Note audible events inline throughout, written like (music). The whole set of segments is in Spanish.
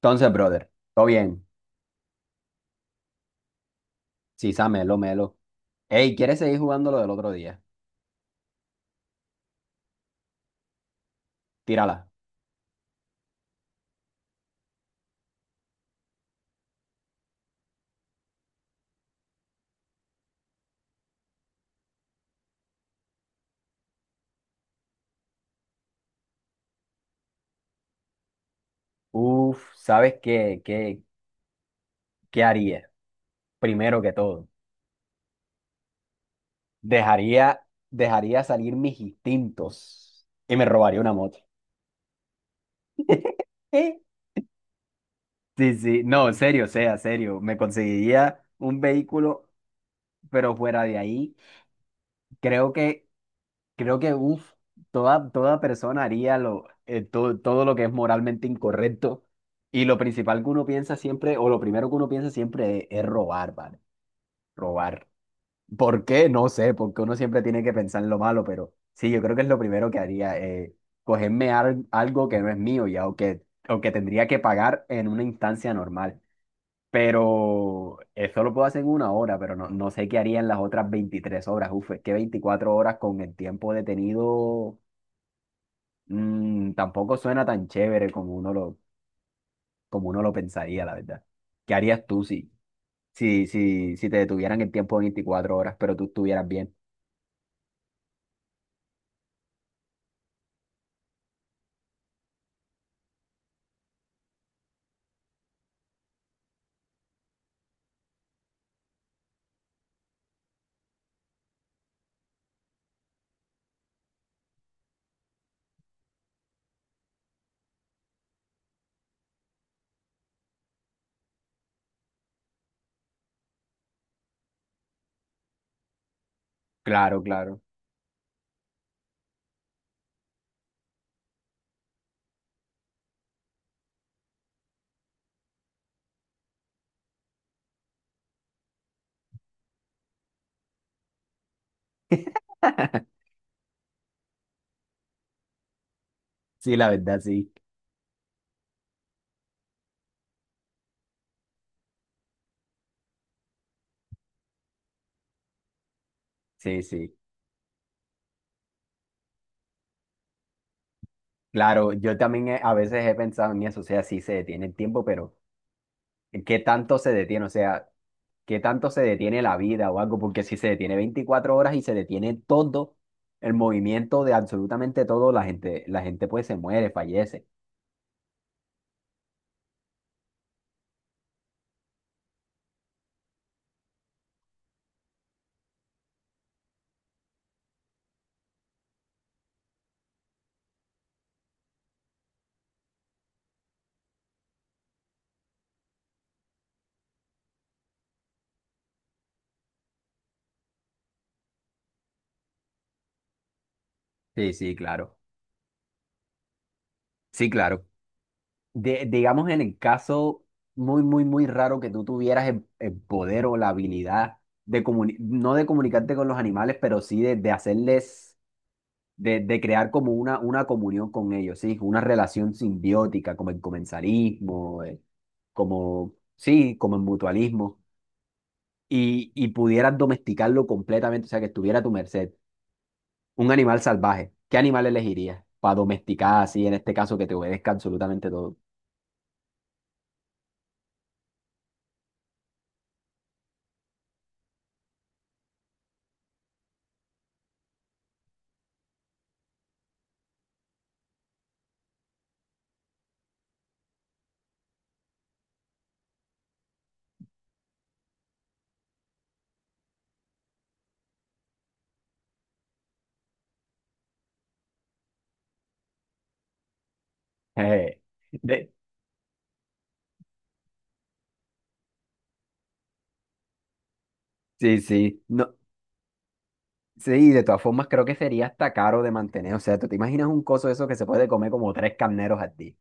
Entonces, brother, todo bien. Sisa, melo, melo. Ey, ¿quieres seguir jugando lo del otro día? Tírala. Uf, ¿sabes qué haría? Primero que todo, dejaría, dejaría salir mis instintos y me robaría una moto. (laughs) Sí, sí, no, en serio, o sea, serio. Me conseguiría un vehículo, pero fuera de ahí. Creo que Creo que uf, toda persona haría lo, todo lo que es moralmente incorrecto. Y lo principal que uno piensa siempre, o lo primero que uno piensa siempre es robar, ¿vale? Robar. ¿Por qué? No sé, porque uno siempre tiene que pensar en lo malo, pero sí, yo creo que es lo primero que haría, cogerme algo que no es mío ya, o que tendría que pagar en una instancia normal. Pero eso lo puedo hacer en una hora, pero no, no sé qué haría en las otras 23 horas. Uf, es que 24 horas con el tiempo detenido. Mm, tampoco suena tan chévere como como uno lo pensaría, la verdad. ¿Qué harías tú si te detuvieran el tiempo de 24 horas, pero tú estuvieras bien? Claro, claro. (laughs) Sí, la verdad, sí. Sí, sí. Claro, yo también a veces he pensado en eso, o sea, sí se detiene el tiempo, pero ¿qué tanto se detiene? O sea, ¿qué tanto se detiene la vida o algo? Porque si se detiene 24 horas y se detiene todo el movimiento de absolutamente todo, la gente pues se muere, fallece. Sí, sí, claro. Sí, claro. Digamos en el caso muy raro que tú tuvieras el poder o la habilidad de no de comunicarte con los animales, pero sí de hacerles, de crear como una comunión con ellos, sí, una relación simbiótica, como el comensalismo, sí, como el mutualismo, y pudieras domesticarlo completamente, o sea, que estuviera a tu merced. Un animal salvaje, ¿qué animal elegirías para domesticar así, en este caso, que te obedezca absolutamente todo? (laughs) Jeje. De, Sí, sí. No, sí, de todas formas creo que sería hasta caro de mantener. O sea, ¿tú te imaginas un coso de eso que se puede comer como tres carneros al día?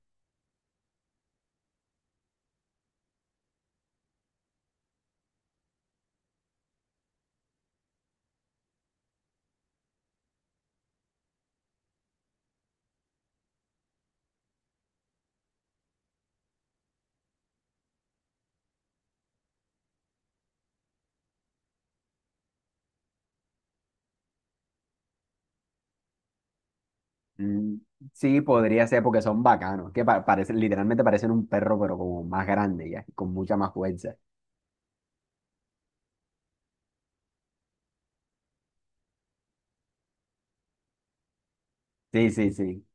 Mm, sí, podría ser porque son bacanos, que parecen, literalmente parecen un perro, pero como más grande ya, y con mucha más fuerza. Sí, sí, sí.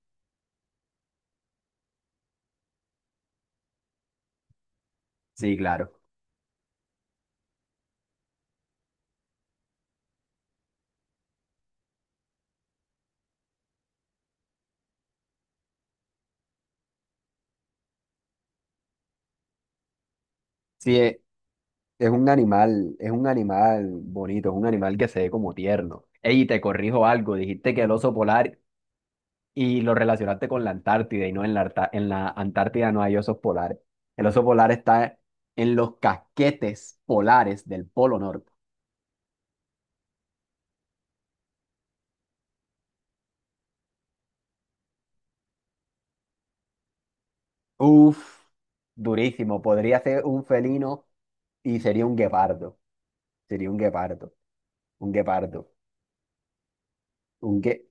Sí, claro. Sí, es un animal bonito, es un animal que se ve como tierno. Ey, te corrijo algo, dijiste que el oso polar y lo relacionaste con la Antártida y no en en la Antártida no hay osos polares. El oso polar está en los casquetes polares del Polo Norte. Uf, durísimo. Podría ser un felino y sería un guepardo. Sería un guepardo. Un guepardo. Un gue...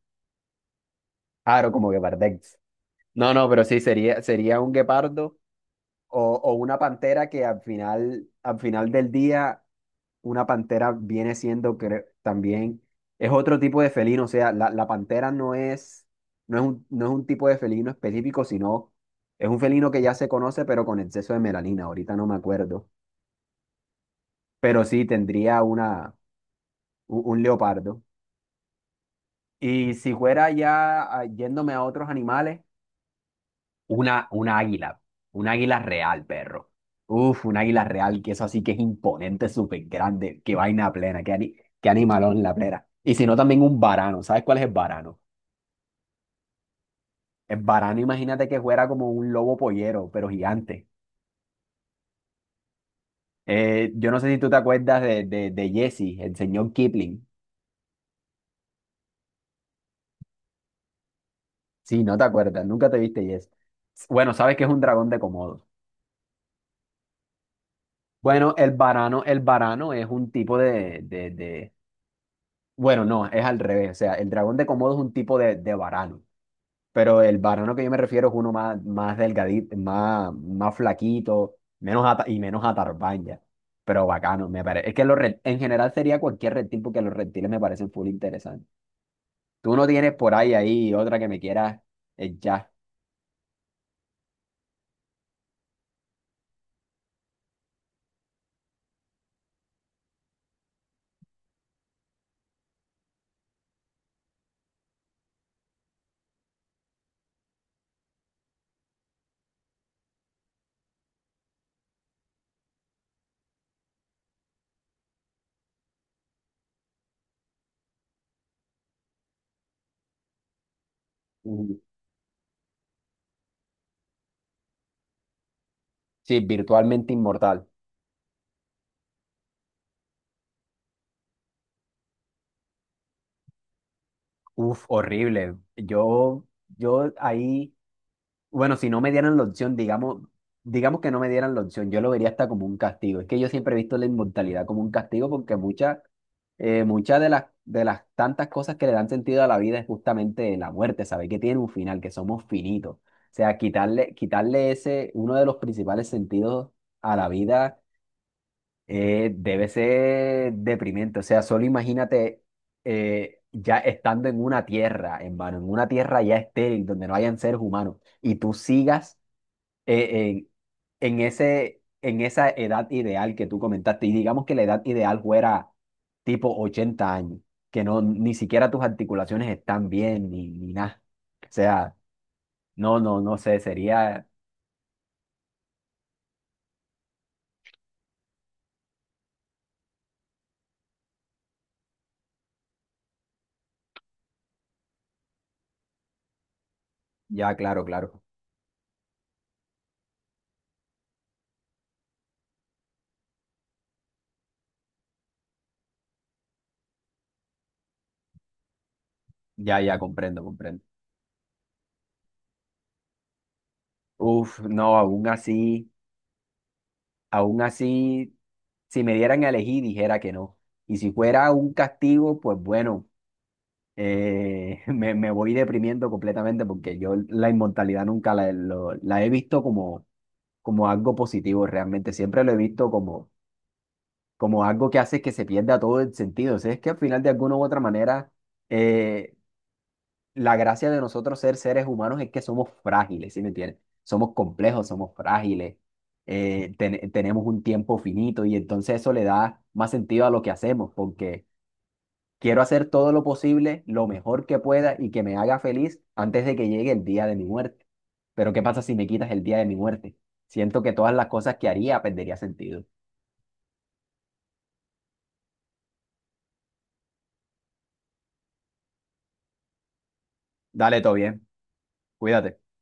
Claro, como guepardex. No, no, pero sí, sería un guepardo o una pantera que al final del día una pantera viene siendo también, es otro tipo de felino, o sea, la pantera no es, no es un tipo de felino específico, sino es un felino que ya se conoce, pero con exceso de melanina, ahorita no me acuerdo, pero sí tendría un leopardo. Y si fuera ya yéndome a otros animales, una águila. Un águila real, perro. Uf, un águila real, que eso así que es imponente, súper grande. Qué vaina plena, qué animalón la plena. Y si no, también un varano. ¿Sabes cuál es el varano? El varano, imagínate que fuera como un lobo pollero, pero gigante. Yo no sé si tú te acuerdas de Jesse, el señor Kipling. Sí, no te acuerdas, nunca te viste Jesse. Bueno, sabes que es un dragón de Komodo. Bueno, el varano es un tipo Bueno, no, es al revés. O sea, el dragón de Komodo es un tipo de varano, pero el varano que yo me refiero es uno más delgadito, más flaquito, y menos atarbaña. Pero bacano, me parece. Es que en general sería cualquier reptil porque los reptiles me parecen full interesantes. Tú no tienes por ahí otra que me quieras echar. Ujú. Sí, virtualmente inmortal. Uf, horrible. Yo ahí. Bueno, si no me dieran la opción, digamos que no me dieran la opción, yo lo vería hasta como un castigo. Es que yo siempre he visto la inmortalidad como un castigo porque muchas muchas de las tantas cosas que le dan sentido a la vida es justamente la muerte, sabes que tiene un final, que somos finitos. O sea, quitarle ese, uno de los principales sentidos a la vida debe ser deprimente. O sea, solo imagínate ya estando en una tierra, hermano, en una tierra ya estéril, donde no hayan seres humanos, y tú sigas eh, en, en ese, en esa edad ideal que tú comentaste, y digamos que la edad ideal fuera tipo 80 años, que no, ni siquiera tus articulaciones están bien, ni nada. O sea, no sé, sería, ya, claro, claro, ya, ya, comprendo, comprendo. Uf, no, aún así, si me dieran a elegir, dijera que no. Y si fuera un castigo, pues bueno, (laughs) me voy deprimiendo completamente porque yo la inmortalidad nunca la he visto como, como algo positivo realmente, siempre lo he visto como, como algo que hace que se pierda todo el sentido. O sea, es que al final de alguna u otra manera, eh, la gracia de nosotros ser seres humanos es que somos frágiles, ¿sí me entiendes? Somos complejos, somos frágiles, ten- tenemos un tiempo finito y entonces eso le da más sentido a lo que hacemos porque... Quiero hacer todo lo posible, lo mejor que pueda y que me haga feliz antes de que llegue el día de mi muerte. Pero ¿qué pasa si me quitas el día de mi muerte? Siento que todas las cosas que haría perdería sentido. Dale, todo bien. Cuídate.